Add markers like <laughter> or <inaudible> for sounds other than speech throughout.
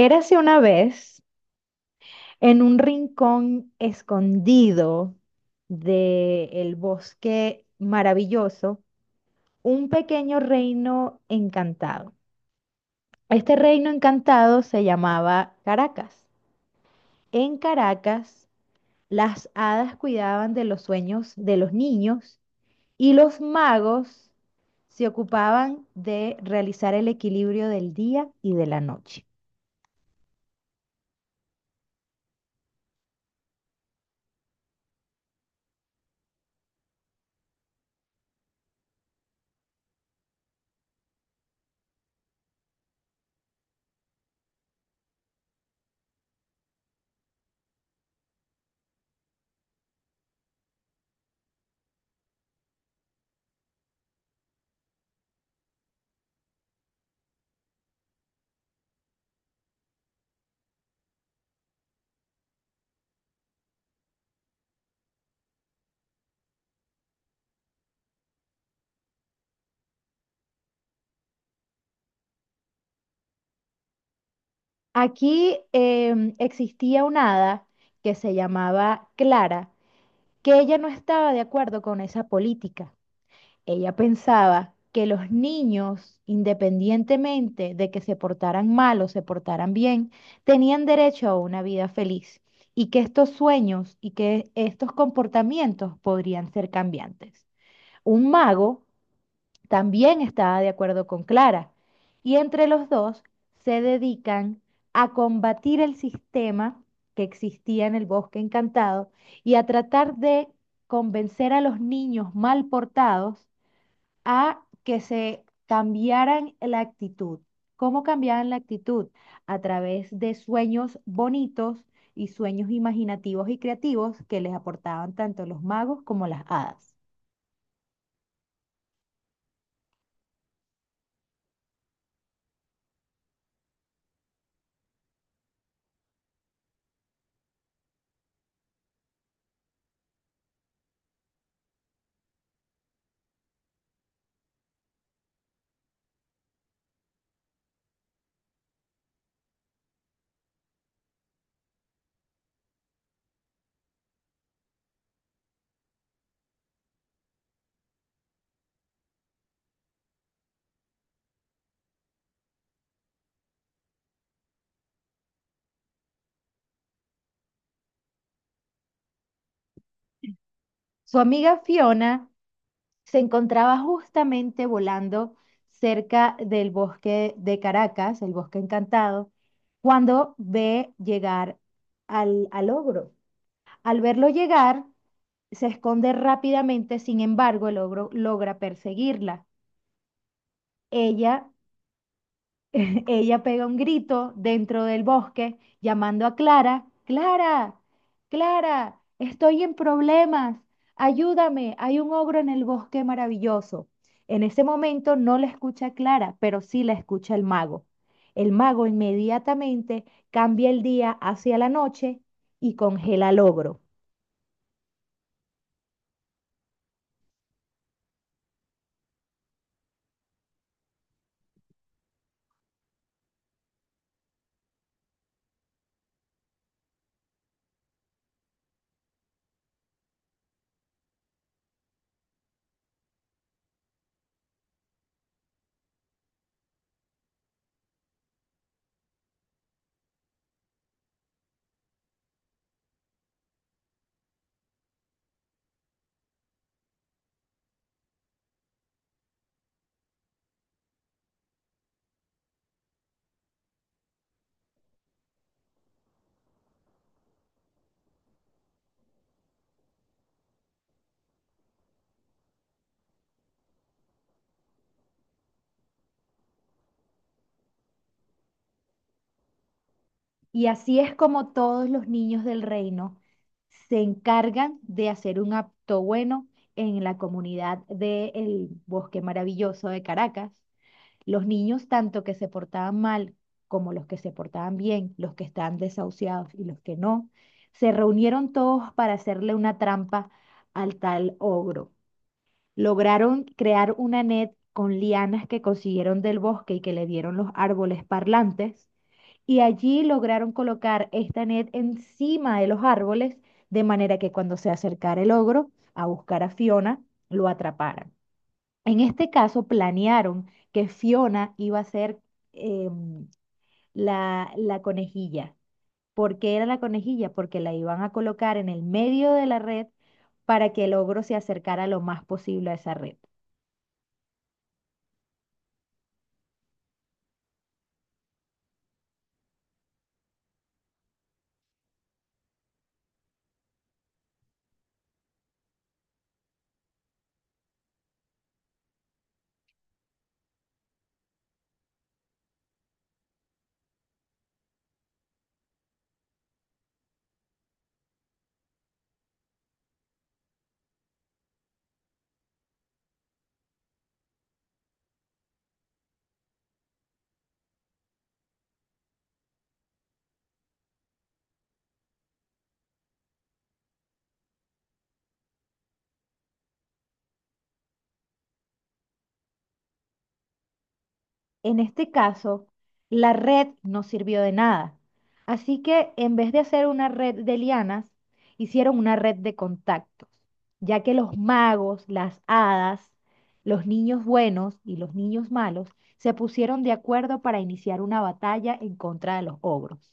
Érase una vez en un rincón escondido del bosque maravilloso un pequeño reino encantado. Este reino encantado se llamaba Caracas. En Caracas, las hadas cuidaban de los sueños de los niños y los magos se ocupaban de realizar el equilibrio del día y de la noche. Aquí existía una hada que se llamaba Clara, que ella no estaba de acuerdo con esa política. Ella pensaba que los niños, independientemente de que se portaran mal o se portaran bien, tenían derecho a una vida feliz y que estos sueños y que estos comportamientos podrían ser cambiantes. Un mago también estaba de acuerdo con Clara, y entre los dos se dedican a combatir el sistema que existía en el Bosque Encantado y a tratar de convencer a los niños mal portados a que se cambiaran la actitud. ¿Cómo cambiaban la actitud? A través de sueños bonitos y sueños imaginativos y creativos que les aportaban tanto los magos como las hadas. Su amiga Fiona se encontraba justamente volando cerca del bosque de Caracas, el bosque encantado, cuando ve llegar al ogro. Al verlo llegar, se esconde rápidamente. Sin embargo, el ogro logra perseguirla. Ella <laughs> ella pega un grito dentro del bosque, llamando a Clara: Clara, Clara, estoy en problemas, ayúdame, hay un ogro en el bosque maravilloso. En ese momento no la escucha Clara, pero sí la escucha el mago. El mago inmediatamente cambia el día hacia la noche y congela al ogro. Y así es como todos los niños del reino se encargan de hacer un acto bueno en la comunidad del Bosque Maravilloso de Caracas. Los niños, tanto que se portaban mal como los que se portaban bien, los que están desahuciados y los que no, se reunieron todos para hacerle una trampa al tal ogro. Lograron crear una net con lianas que consiguieron del bosque y que le dieron los árboles parlantes, y allí lograron colocar esta net encima de los árboles, de manera que cuando se acercara el ogro a buscar a Fiona, lo atraparan. En este caso, planearon que Fiona iba a ser, em, la conejilla. ¿Por qué era la conejilla? Porque la iban a colocar en el medio de la red para que el ogro se acercara lo más posible a esa red. En este caso, la red no sirvió de nada. Así que en vez de hacer una red de lianas, hicieron una red de contactos, ya que los magos, las hadas, los niños buenos y los niños malos se pusieron de acuerdo para iniciar una batalla en contra de los ogros.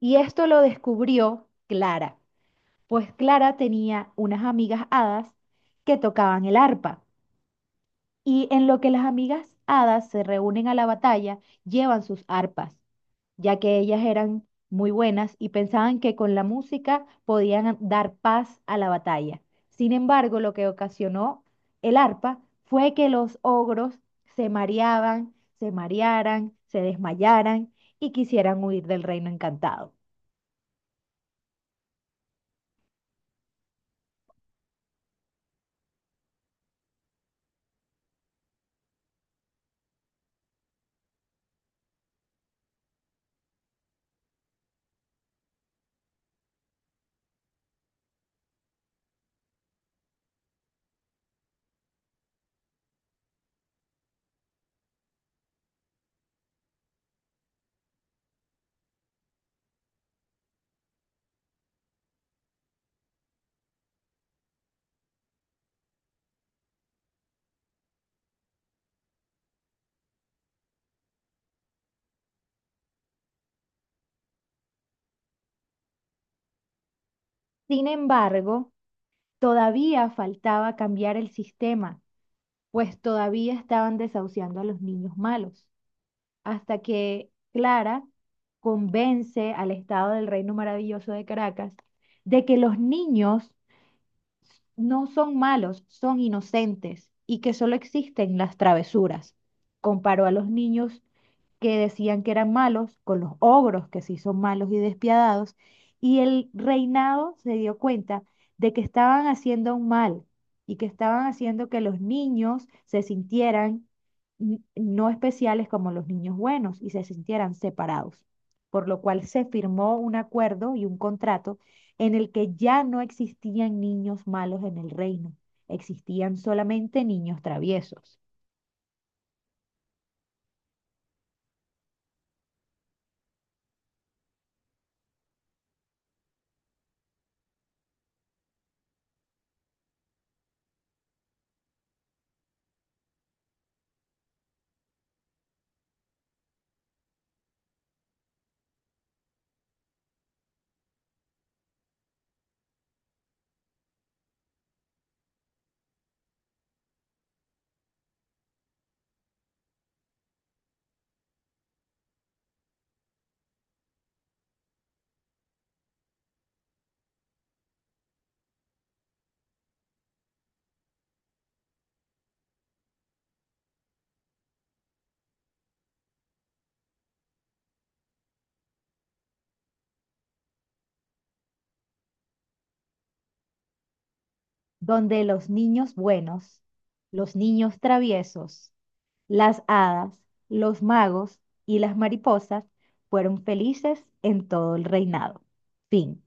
Y esto lo descubrió Clara, pues Clara tenía unas amigas hadas que tocaban el arpa. Y en lo que las amigas hadas se reúnen a la batalla, llevan sus arpas, ya que ellas eran muy buenas y pensaban que con la música podían dar paz a la batalla. Sin embargo, lo que ocasionó el arpa fue que los ogros se mareaban, se marearan, se desmayaran y quisieran huir del reino encantado. Sin embargo, todavía faltaba cambiar el sistema, pues todavía estaban desahuciando a los niños malos, hasta que Clara convence al Estado del Reino Maravilloso de Caracas de que los niños no son malos, son inocentes y que solo existen las travesuras. Comparó a los niños que decían que eran malos con los ogros, que sí son malos y despiadados, y el reinado se dio cuenta de que estaban haciendo un mal y que estaban haciendo que los niños se sintieran no especiales como los niños buenos y se sintieran separados, por lo cual se firmó un acuerdo y un contrato en el que ya no existían niños malos en el reino, existían solamente niños traviesos, donde los niños buenos, los niños traviesos, las hadas, los magos y las mariposas fueron felices en todo el reinado. Fin.